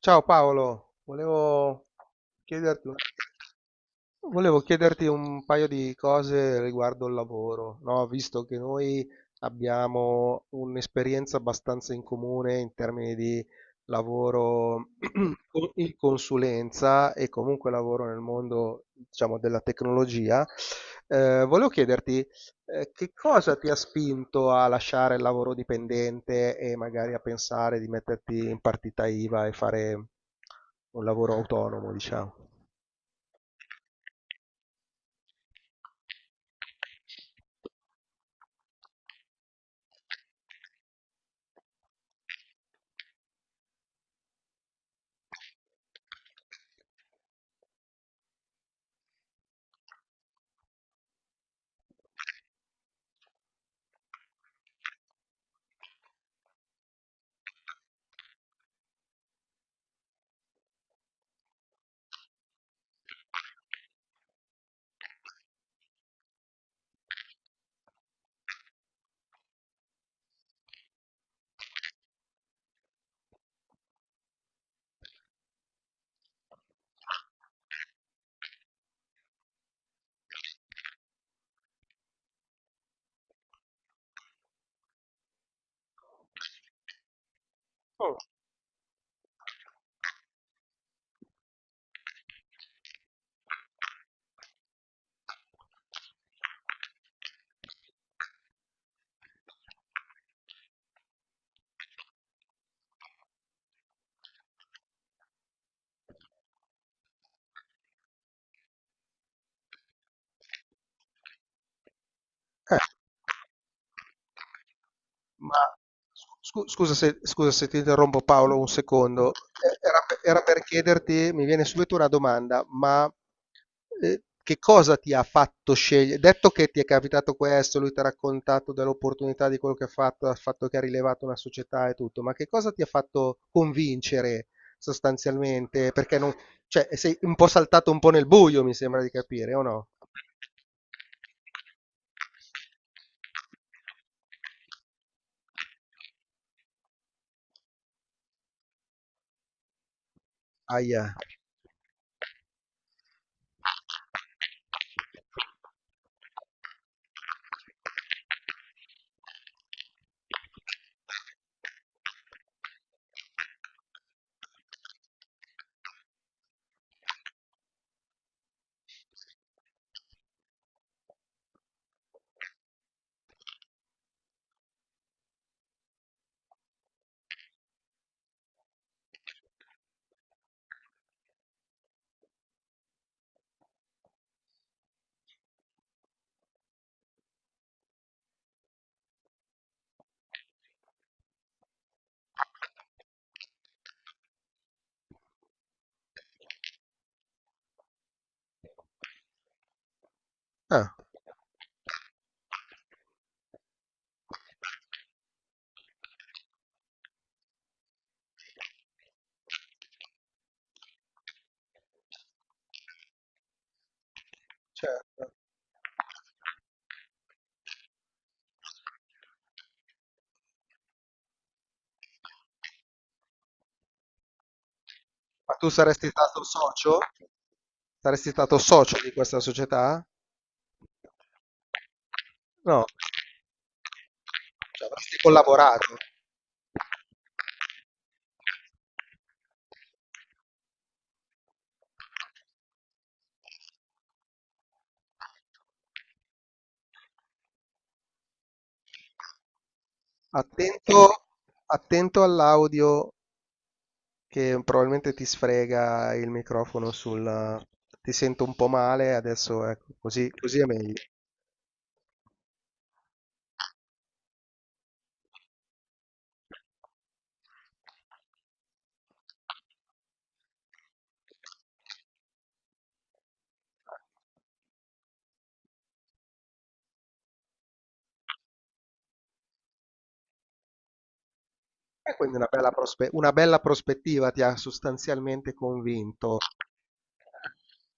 Ciao Paolo, volevo chiederti, volevo chiederti un paio di cose riguardo il lavoro, no? Visto che noi abbiamo un'esperienza abbastanza in comune in termini di lavoro in consulenza e comunque lavoro nel mondo, diciamo, della tecnologia, volevo chiederti che cosa ti ha spinto a lasciare il lavoro dipendente e magari a pensare di metterti in partita IVA e fare un lavoro autonomo, diciamo? Oh. Eh, ma scusa se ti interrompo Paolo un secondo. Era per chiederti, mi viene subito una domanda, ma Ehm, che cosa ti ha fatto sceglie detto che ti è capitato questo, lui t'ha raccontato dell'opportunità di quello che ha fatto, dal fatto che ha rilevato una società e tutto, ma che cosa ti ha fatto convincere sostanzialmente? Perché non, cioè, sei un po' saltato un po' nel buio, mi sembra di capire, o no? Aia. Ah, certo. Ma tu saresti stato socio? Saresti stato socio di questa società? No, ci avresti collaborato. Attento, attento all'audio che probabilmente ti sfrega il microfono sul... ti sento un po' male, adesso ecco, così, così è meglio. E quindi una bella una bella prospettiva ti ha sostanzialmente convinto.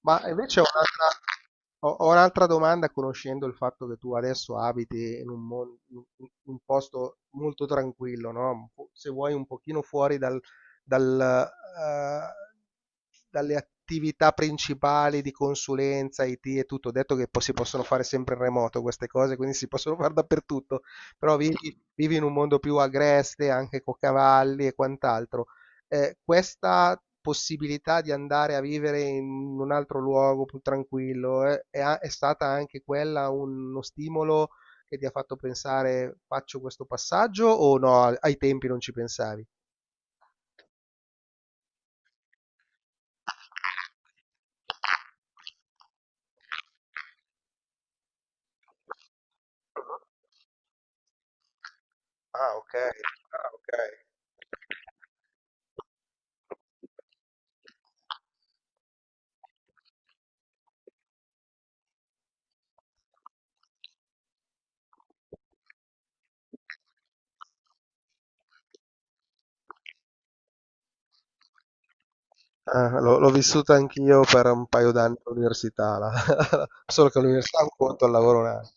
Ma invece ho un'altra, ho un'altra domanda, conoscendo il fatto che tu adesso abiti in un, in un posto molto tranquillo, no? Se vuoi un pochino fuori dal, eh, dalle attività principali di consulenza, IT e tutto. Ho detto che poi si possono fare sempre in remoto queste cose, quindi si possono fare dappertutto però vivi, vivi in un mondo più agreste, anche con cavalli e quant'altro. Questa possibilità di andare a vivere in un altro luogo più tranquillo è stata anche quella uno stimolo che ti ha fatto pensare faccio questo passaggio o no, ai tempi non ci pensavi? Ah, ok. Ah, ok. Ah, l'ho l'ho vissuta anch'io per un paio d'anni all'università, solo che all'università è un conto, al lavoro un altro.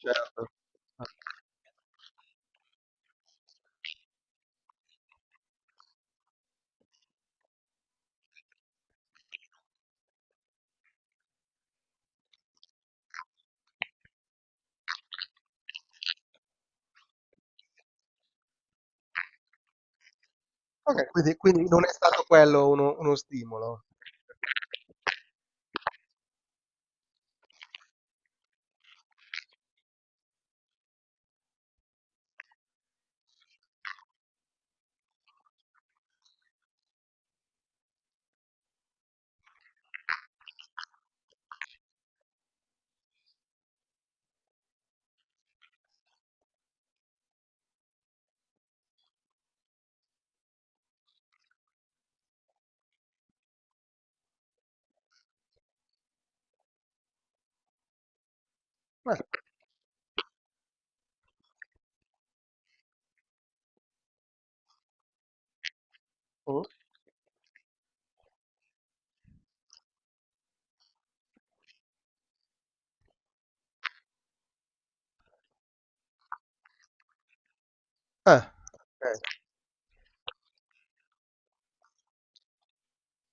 Certo. Ok, quindi, quindi non è stato quello uno, uno stimolo. Beh, mm, ok.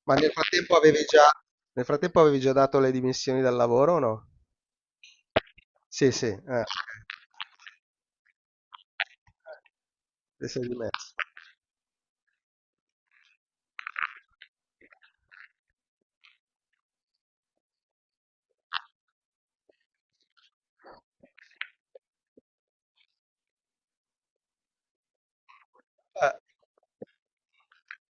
Ma nel frattempo avevi già, nel frattempo avevi già dato le dimissioni dal lavoro o no? Sì, sì, ok. Ti sei dimesso. Eh.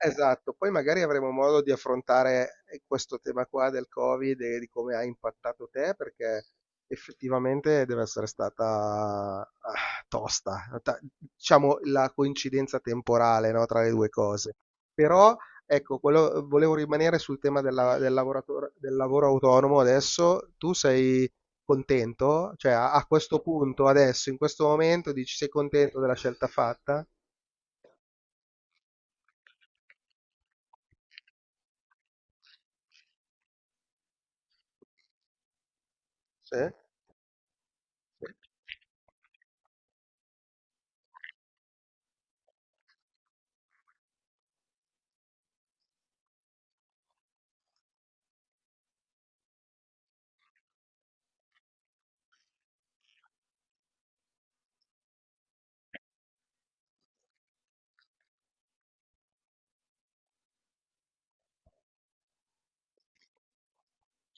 Esatto, poi magari avremo modo di affrontare questo tema qua del Covid e di come ha impattato te, perché effettivamente deve essere stata ah, tosta, Ta- diciamo la coincidenza temporale, no, tra le due cose. Però, ecco, quello- volevo rimanere sul tema del lavoratore, del lavoro autonomo adesso. Tu sei contento? Cioè, a a questo punto, adesso, in questo momento, dici sei contento della scelta fatta? Sì? Sì.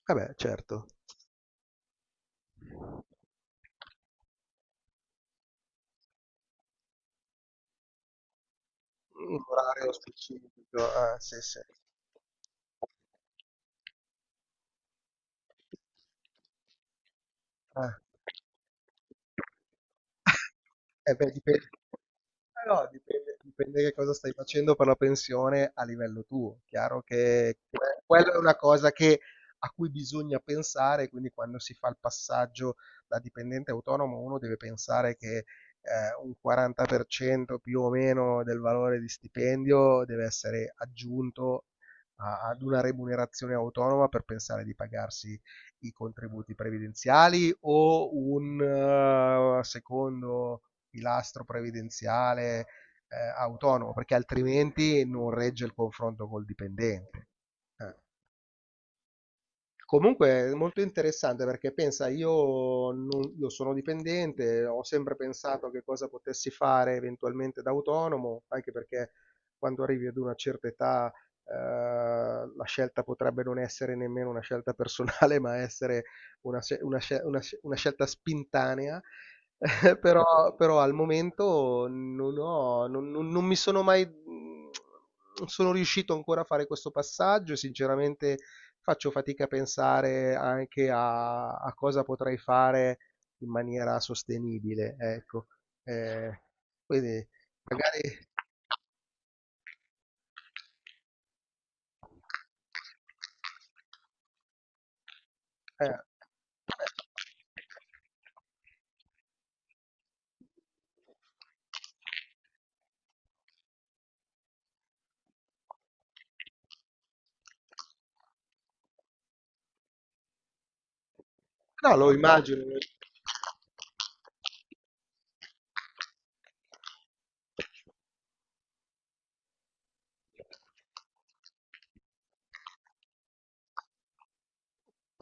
Eh beh, certo. Un orario specifico, sì, sì. Eh. Eh beh, dipende. Eh no, dipende dipende che cosa stai facendo per la pensione a livello tuo. Chiaro che quella è una cosa a cui bisogna pensare, quindi quando si fa il passaggio da dipendente a autonomo uno deve pensare che un 40% più o meno del valore di stipendio deve essere aggiunto ad una remunerazione autonoma per pensare di pagarsi i contributi previdenziali o un secondo pilastro previdenziale autonomo, perché altrimenti non regge il confronto col dipendente. Eh. Comunque è molto interessante perché pensa, io non- io sono dipendente, ho sempre pensato a che cosa potessi fare eventualmente da autonomo, anche perché quando arrivi ad una certa età, la scelta potrebbe non essere nemmeno una scelta personale, ma essere una, una scelta spintanea. Però, però al momento non ho, non, non mi sono mai, non sono riuscito ancora a fare questo passaggio, e sinceramente faccio fatica a pensare anche a, a cosa potrei fare in maniera sostenibile, ecco. Eh, quindi magari... eh, no, lo immagino.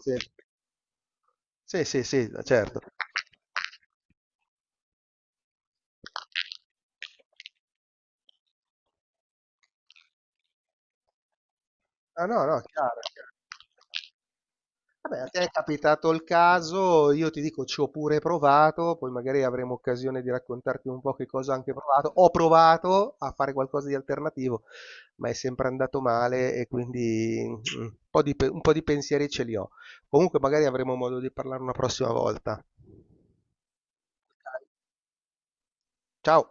Sì, sì, sì, sì, certo. Ah, no, no, chiaro. Chiaro. Vabbè, a te è capitato il caso, io ti dico ci ho pure provato, poi magari avremo occasione di raccontarti un po' che cosa ho anche provato. Ho provato a fare qualcosa di alternativo, ma è sempre andato male e quindi mm, un po' di, un po' di pensieri ce li ho. Comunque magari avremo modo di parlare una prossima volta. Ciao!